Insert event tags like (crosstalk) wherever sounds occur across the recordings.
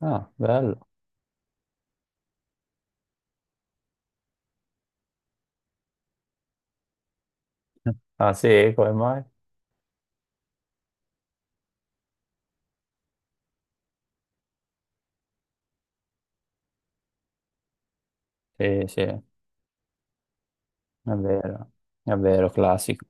Ah, bello. Ah, sì, come mai? Sì, sì, vero, è vero, classico.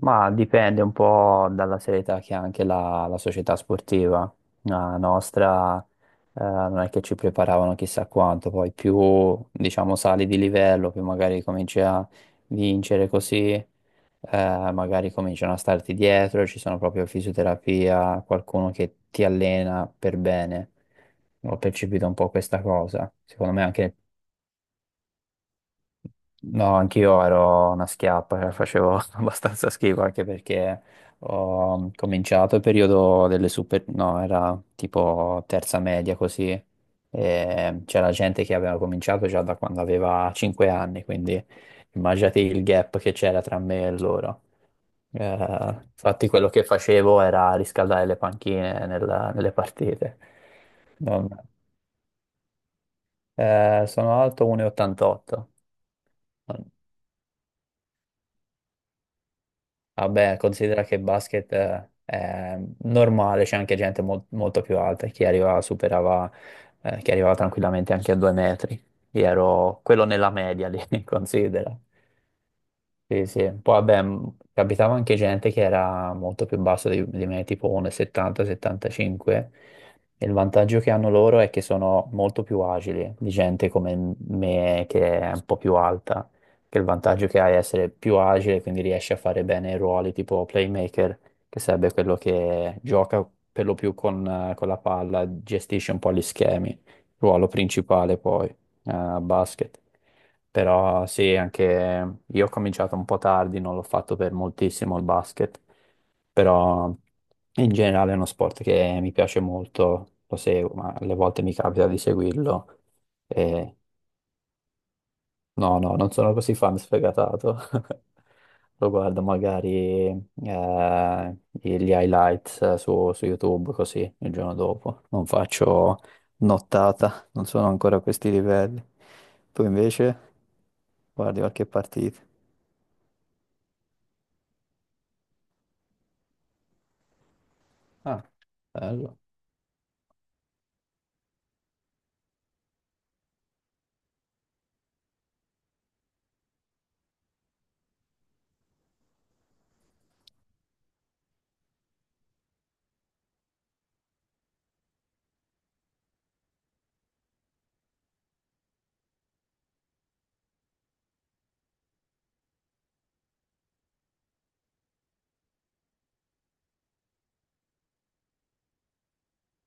Ma dipende un po' dalla serietà che ha anche la società sportiva. La nostra, non è che ci preparavano chissà quanto, poi più, diciamo, sali di livello, più magari cominci a vincere così, magari cominciano a starti dietro, ci sono proprio fisioterapia, qualcuno che ti allena per bene. Ho percepito un po' questa cosa. Secondo me anche. No, anch'io ero una schiappa, cioè, facevo (laughs) abbastanza schifo anche perché ho cominciato il periodo delle super, no, era tipo terza media così, e c'era gente che aveva cominciato già da quando aveva 5 anni, quindi immaginate il gap che c'era tra me e loro. Infatti quello che facevo era riscaldare le panchine nelle partite. Non- Sono alto 1,88. Vabbè, considera che il basket è normale, c'è anche gente molto più alta, chi arrivava superava, chi arrivava tranquillamente anche a 2 metri. Io ero quello nella media lì, (laughs) considera. Sì, sì. Poi vabbè, capitava anche gente che era molto più basso di me, tipo 1,70-75, e settanta settantacinque. E il vantaggio che hanno loro è che sono molto più agili di gente come me che è un po' più alta, che il vantaggio che hai è essere più agile, quindi riesci a fare bene i ruoli tipo playmaker, che sarebbe quello che gioca per lo più con la palla, gestisce un po' gli schemi, ruolo principale poi, a basket. Però sì, anche io ho cominciato un po' tardi, non l'ho fatto per moltissimo il basket, però in generale è uno sport che mi piace molto, lo seguo, ma alle volte mi capita di seguirlo. E no, no, non sono così fan sfegatato. (laughs) Lo guardo magari gli highlights su YouTube così il giorno dopo. Non faccio nottata, non sono ancora a questi livelli. Tu invece guardi qualche partita. Ah, bello.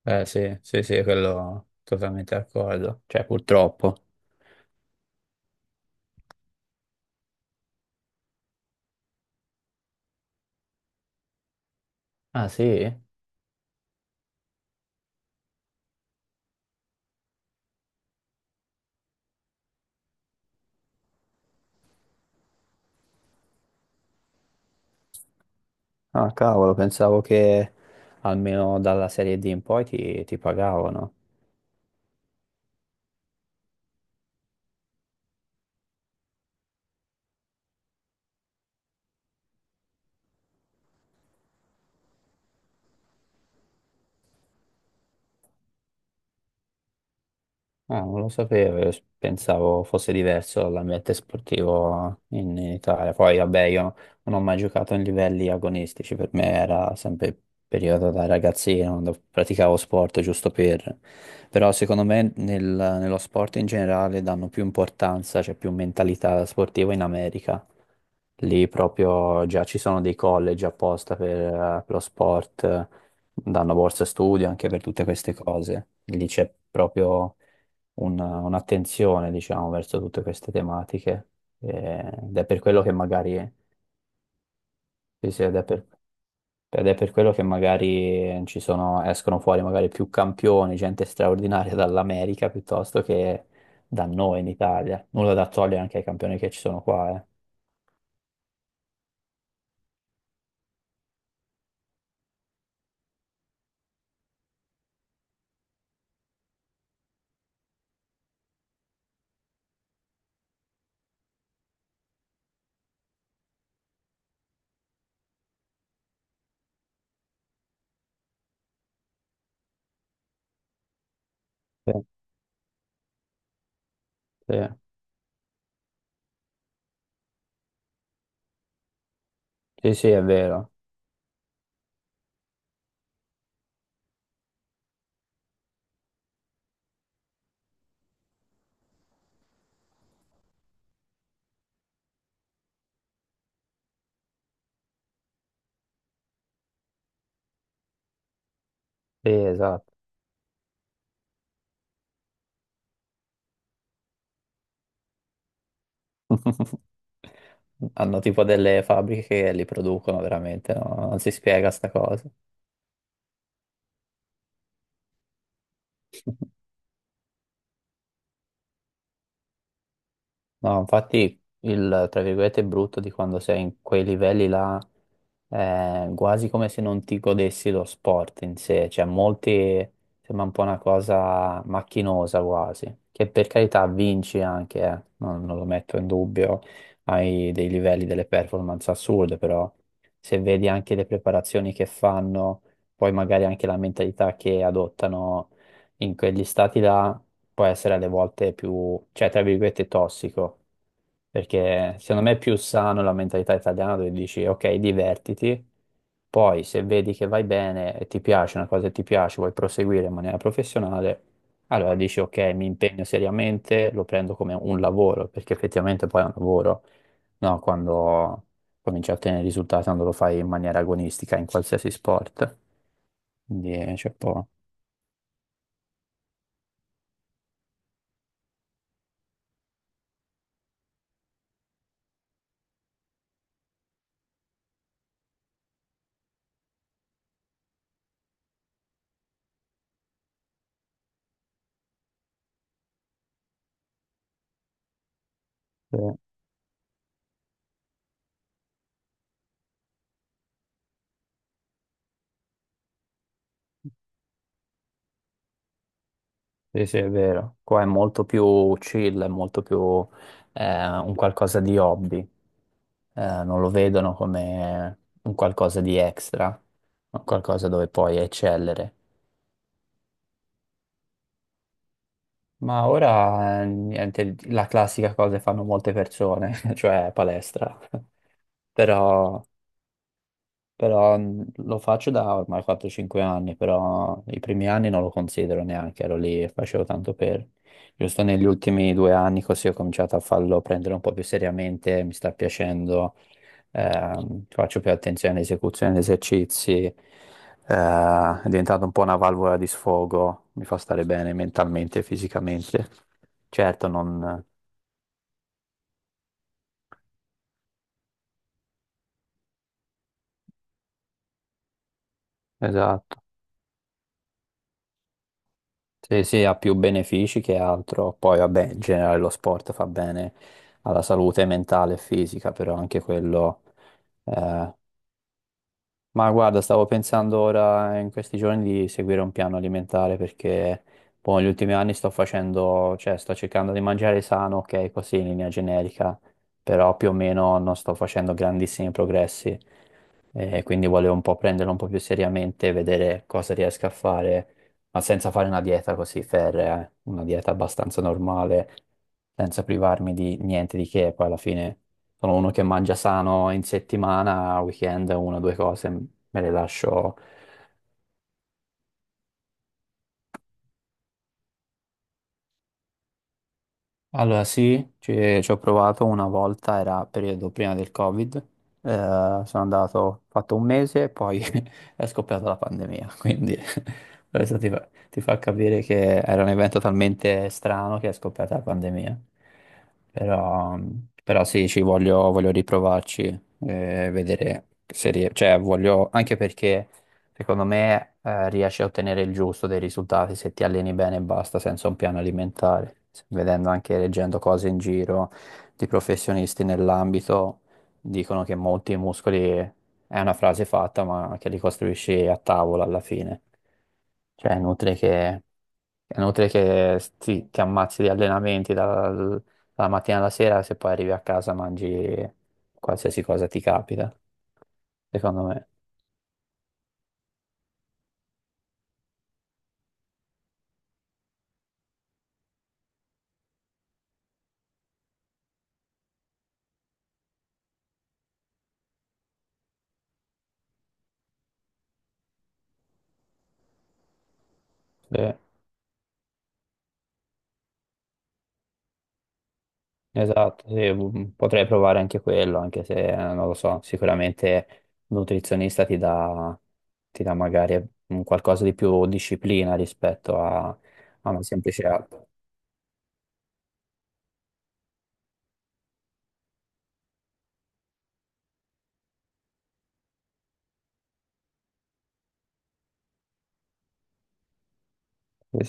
Eh sì, sì, sì, quello totalmente d'accordo. Cioè, purtroppo. Ah sì? Ah cavolo, pensavo che almeno dalla Serie D in poi ti pagavano. Ah, non lo sapevo, io pensavo fosse diverso l'ambiente sportivo in Italia. Poi, vabbè, io non ho mai giocato in livelli agonistici, per me era sempre periodo da ragazzino, quando praticavo sport giusto per... Però secondo me nello sport in generale danno più importanza, c'è più mentalità sportiva in America. Lì proprio già ci sono dei college apposta per lo sport, danno borse studio anche per tutte queste cose. Lì c'è proprio un'attenzione, diciamo, verso tutte queste tematiche. Eh, ed è per quello che magari, sì, sì, ed è per quello che magari ci sono, escono fuori magari più campioni, gente straordinaria dall'America piuttosto che da noi in Italia. Nulla da togliere anche ai campioni che ci sono qua, eh. Sì, sì. Sì, sì, è vero. Sì, esatto. (laughs) Hanno tipo delle fabbriche che li producono veramente, no? Non si spiega sta cosa. No, infatti il, tra virgolette, brutto di quando sei in quei livelli là è quasi come se non ti godessi lo sport in sé, cioè molti sembra un po' una cosa macchinosa quasi, che per carità vinci anche, non, non lo metto in dubbio, hai dei livelli, delle performance assurde, però se vedi anche le preparazioni che fanno, poi magari anche la mentalità che adottano in quegli stati là può essere alle volte più, cioè, tra virgolette, tossico, perché secondo me è più sano la mentalità italiana dove dici, ok, divertiti, poi se vedi che vai bene e ti piace una cosa che ti piace, vuoi proseguire in maniera professionale, allora dici, ok, mi impegno seriamente, lo prendo come un lavoro, perché effettivamente poi è un lavoro, no? Quando cominci a ottenere risultati, quando lo fai in maniera agonistica in qualsiasi sport. Quindi c'è un po'. Sì. Sì, sì, è vero. Qua è molto più chill, è molto più un qualcosa di hobby. Non lo vedono come un qualcosa di extra, un qualcosa dove puoi eccellere. Ma ora, niente, la classica cosa che fanno molte persone, (laughs) cioè palestra. (laughs) Però Però lo faccio da ormai 4-5 anni, però i primi anni non lo considero neanche, ero lì e facevo tanto per... Giusto negli ultimi 2 anni così ho cominciato a farlo prendere un po' più seriamente, mi sta piacendo, faccio più attenzione all'esecuzione degli esercizi, è diventato un po' una valvola di sfogo, mi fa stare bene mentalmente e fisicamente. Certo, non... Esatto. Sì, sì, ha più benefici che altro. Poi, vabbè, in generale lo sport fa bene alla salute mentale e fisica, però anche quello eh, ma guarda, stavo pensando ora in questi giorni di seguire un piano alimentare perché boh, negli ultimi anni sto facendo, cioè sto cercando di mangiare sano, ok, così in linea generica, però più o meno non sto facendo grandissimi progressi e quindi volevo un po' prenderlo un po' più seriamente, vedere cosa riesco a fare, ma senza fare una dieta così ferrea, una dieta abbastanza normale, senza privarmi di niente di che, poi alla fine sono uno che mangia sano in settimana, a weekend una o due cose me le lascio. Allora sì, ci ho provato una volta, era periodo prima del Covid, sono andato, ho fatto 1 mese e poi (laughs) è scoppiata la pandemia, quindi (laughs) questo ti fa capire che era un evento talmente strano che è scoppiata la pandemia. Però, però sì, voglio riprovarci, vedere se riesco, cioè voglio, anche perché... Secondo me, riesci a ottenere il giusto dei risultati se ti alleni bene e basta, senza un piano alimentare. Vedendo anche, leggendo cose in giro di professionisti nell'ambito, dicono che molti muscoli è una frase fatta, ma che li costruisci a tavola alla fine. Cioè, è inutile che, è inutile che ti ammazzi di allenamenti dalla mattina alla sera se poi arrivi a casa mangi qualsiasi cosa ti capita, secondo me. Sì. Esatto, sì, mm, potrei provare anche quello, anche se non lo so, sicuramente un nutrizionista ti dà magari un qualcosa di più disciplina rispetto a, a una semplice app.